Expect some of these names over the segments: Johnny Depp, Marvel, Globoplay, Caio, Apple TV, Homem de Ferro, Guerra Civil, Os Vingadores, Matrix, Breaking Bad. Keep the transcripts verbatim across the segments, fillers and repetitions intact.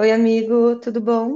Oi, amigo, tudo bom?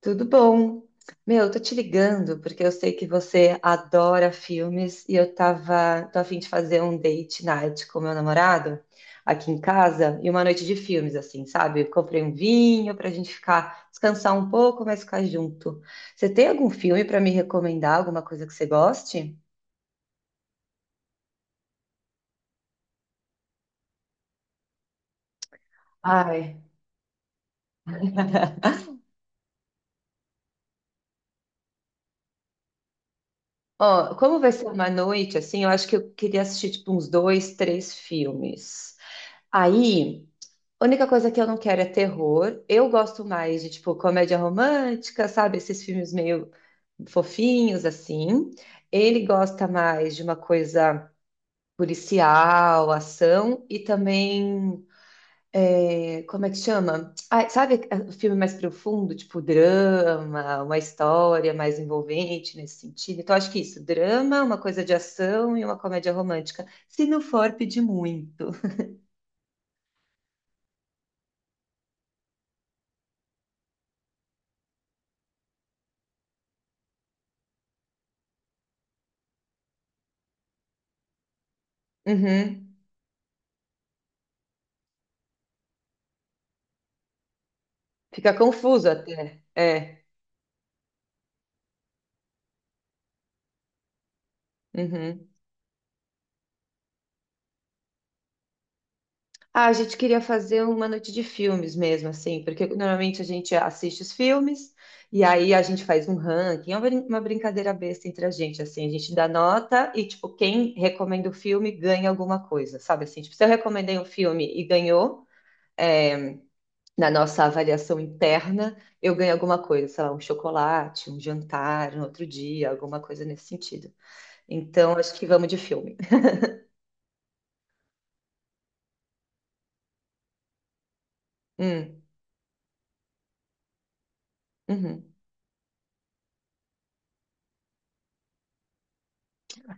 Tudo bom. Meu, eu tô te ligando porque eu sei que você adora filmes e eu tava, tô a fim de fazer um date night com meu namorado aqui em casa e uma noite de filmes, assim, sabe? Eu comprei um vinho pra gente ficar, descansar um pouco, mas ficar junto. Você tem algum filme pra me recomendar, alguma coisa que você goste? Ai, Ó, como vai ser uma noite, assim, eu acho que eu queria assistir, tipo, uns dois, três filmes. Aí. A única coisa que eu não quero é terror. Eu gosto mais de, tipo, comédia romântica, sabe? Esses filmes meio fofinhos, assim. Ele gosta mais de uma coisa policial, ação e também. É, como é que chama? Ah, sabe o filme mais profundo, tipo drama, uma história mais envolvente nesse sentido? Então, acho que isso, drama, uma coisa de ação e uma comédia romântica. Se não for, pedir muito. Uhum. Fica confuso até. É. Uhum. Ah, a gente queria fazer uma noite de filmes mesmo, assim, porque normalmente a gente assiste os filmes e aí a gente faz um ranking, é uma brin- uma brincadeira besta entre a gente, assim, a gente dá nota e, tipo, quem recomenda o filme ganha alguma coisa, sabe assim? Tipo, se eu recomendei um filme e ganhou, é, na nossa avaliação interna, eu ganho alguma coisa, sei lá, um chocolate, um jantar, no outro dia, alguma coisa nesse sentido. Então, acho que vamos de filme. Hum, uhum.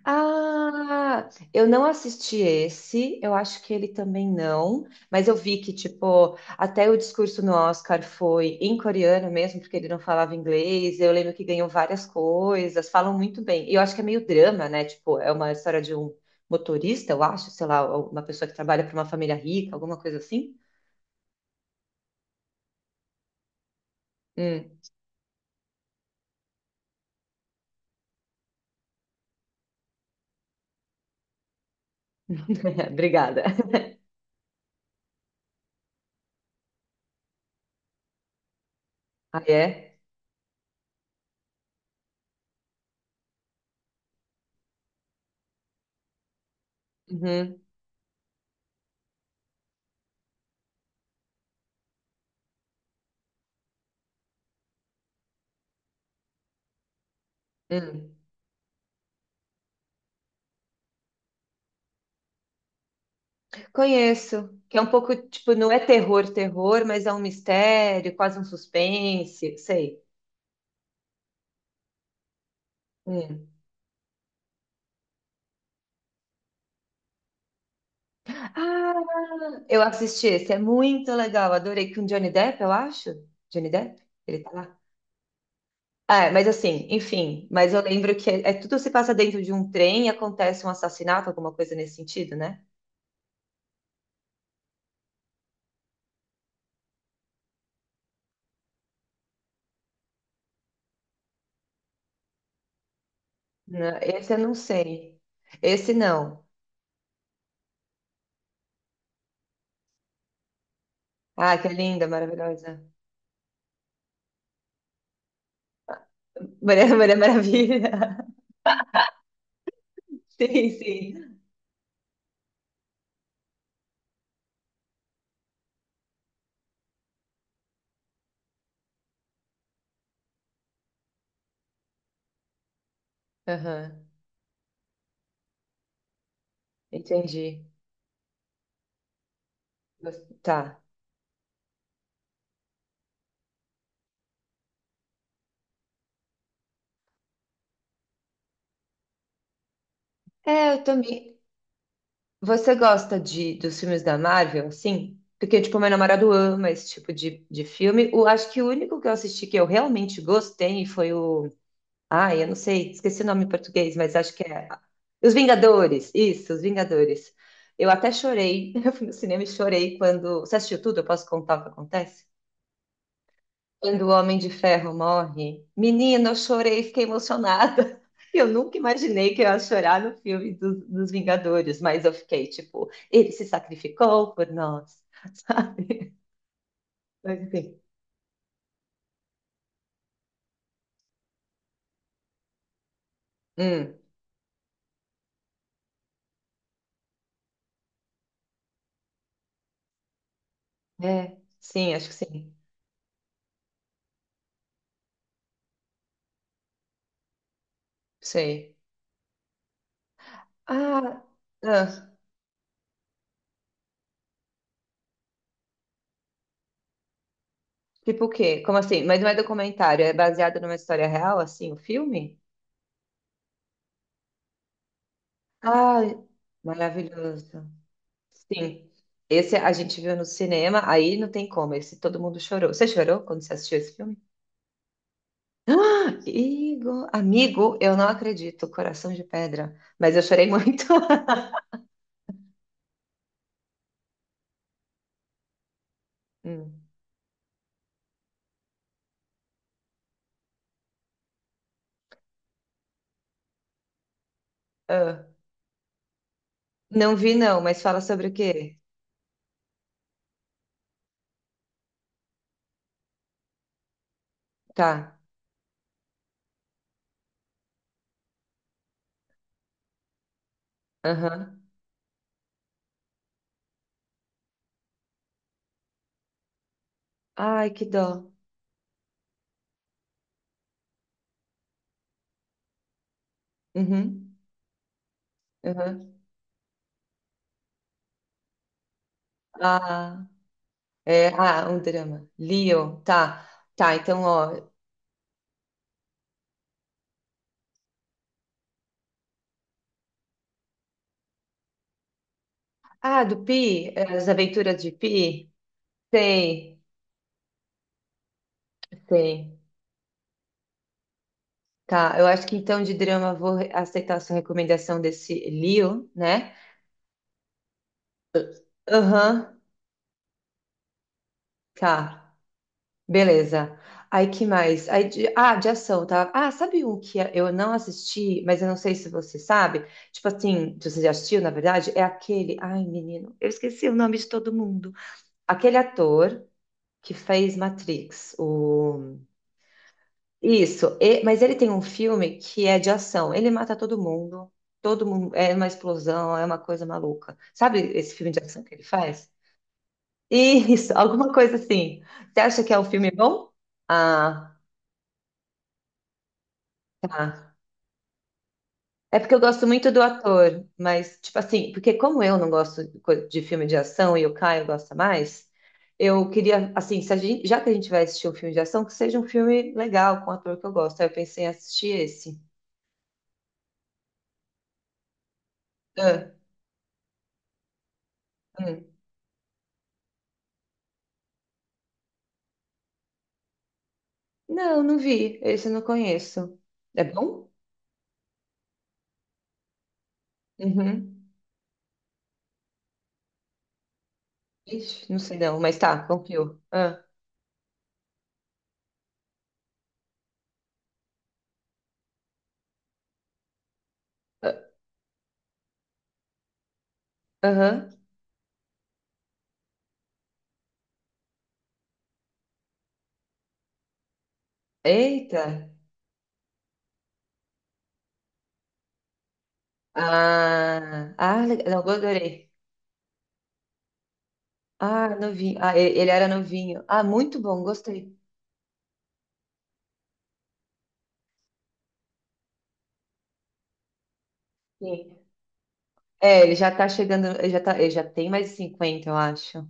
Ah, eu não assisti esse, eu acho que ele também não, mas eu vi que, tipo, até o discurso no Oscar foi em coreano mesmo, porque ele não falava inglês, eu lembro que ganhou várias coisas, falam muito bem, e eu acho que é meio drama, né, tipo, é uma história de um motorista, eu acho, sei lá, uma pessoa que trabalha para uma família rica, alguma coisa assim. Hum. Obrigada. Ah, é? Uhum. Hum. Conheço, que é um pouco, tipo, não é terror, terror, mas é um mistério, quase um suspense, sei. Hum. Ah, eu assisti esse, é muito legal, adorei, com Johnny Depp, eu acho? Johnny Depp? Ele tá lá? Ah, é, mas assim, enfim, mas eu lembro que é, é tudo se passa dentro de um trem e acontece um assassinato, alguma coisa nesse sentido, né? Não, esse eu não sei. Esse não. Ah, que linda, maravilhosa. Maria, Maria Maravilha. Sim, sim. Aham, entendi. Gos- Tá. É, eu também. Você gosta de, dos filmes da Marvel, assim? Porque, tipo, meu namorado ama esse tipo de, de filme. O, acho que o único que eu assisti que eu realmente gostei foi o. Ai, eu não sei, esqueci o nome em português, mas acho que é. Os Vingadores. Isso, Os Vingadores. Eu até chorei. Eu fui no cinema e chorei quando. Você assistiu tudo? Eu posso contar o que acontece? Quando o Homem de Ferro morre, menina, eu chorei, fiquei emocionada. Eu nunca imaginei que eu ia chorar no filme dos, dos Vingadores, mas eu fiquei tipo, ele se sacrificou por nós, sabe? Mas enfim. Hum, é, sim, acho que sim. Sei. Ah, ah, tipo o quê? Como assim? Mas não é documentário, é baseado numa história real, assim, o filme? Ah, maravilhoso. Sim. Esse a gente viu no cinema, aí não tem como, esse todo mundo chorou. Você chorou quando você assistiu esse filme? Ah, Igor, amigo, eu não acredito, coração de pedra. Mas eu chorei muito. Hum. Ah. Não vi não, mas fala sobre o quê? Tá. Aham. Ai, que dó. Uhum. Uhum. Ah, é, ah, um drama. Leo, tá. Tá, então, ó. Ah, do Pi, é, as aventuras de Pi. Sei, sei. Tá, eu acho que então de drama vou re- aceitar a sua recomendação desse Leo, né? Aham, tá, beleza. Aí que mais? Aí de, ah, de ação, tá? Ah, sabe um que é, eu não assisti, mas eu não sei se você sabe? Tipo assim, se você já assistiu, na verdade, é aquele. Ai, menino, eu esqueci o nome de todo mundo. Aquele ator que fez Matrix, o. Isso, e- mas ele tem um filme que é de ação. Ele mata todo mundo, todo mundo é uma explosão, é uma coisa maluca. Sabe esse filme de ação que ele faz? Isso, alguma coisa assim. Você acha que é um filme bom? Ah, tá. É porque eu gosto muito do ator, mas tipo assim, porque como eu não gosto de co- de filme de ação e o Caio gosta mais, eu queria assim, se a gente- já que a gente vai assistir um filme de ação, que seja um filme legal com um ator que eu gosto. Aí eu pensei em assistir esse. Ah, hum. Não, não vi. Esse eu não conheço. É bom? Uhum. Ixi, não sei não, mas tá, confio. Ah, ah, aham. Eita. Ah, ah, le- não, eu adorei. Ah, novinho. Ah, e- ele era novinho. Ah, muito bom, gostei. Sim. É, ele já tá chegando, ele já tá, ele já tem mais de cinquenta, eu acho.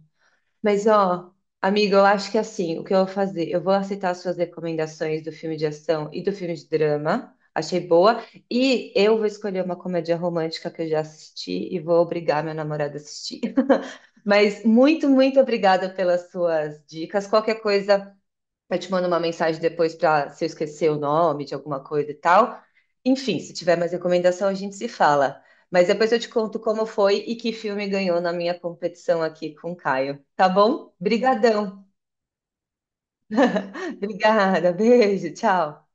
Mas, ó, amiga, eu acho que assim, o que eu vou fazer? Eu vou aceitar as suas recomendações do filme de ação e do filme de drama. Achei boa. E eu vou escolher uma comédia romântica que eu já assisti e vou obrigar meu namorado a assistir. Mas muito, muito obrigada pelas suas dicas. Qualquer coisa. Eu te mando uma mensagem depois para se eu esquecer o nome de alguma coisa e tal. Enfim, se tiver mais recomendação, a gente se fala. Mas depois eu te conto como foi e que filme ganhou na minha competição aqui com o Caio. Tá bom? Brigadão. Obrigada. Beijo. Tchau.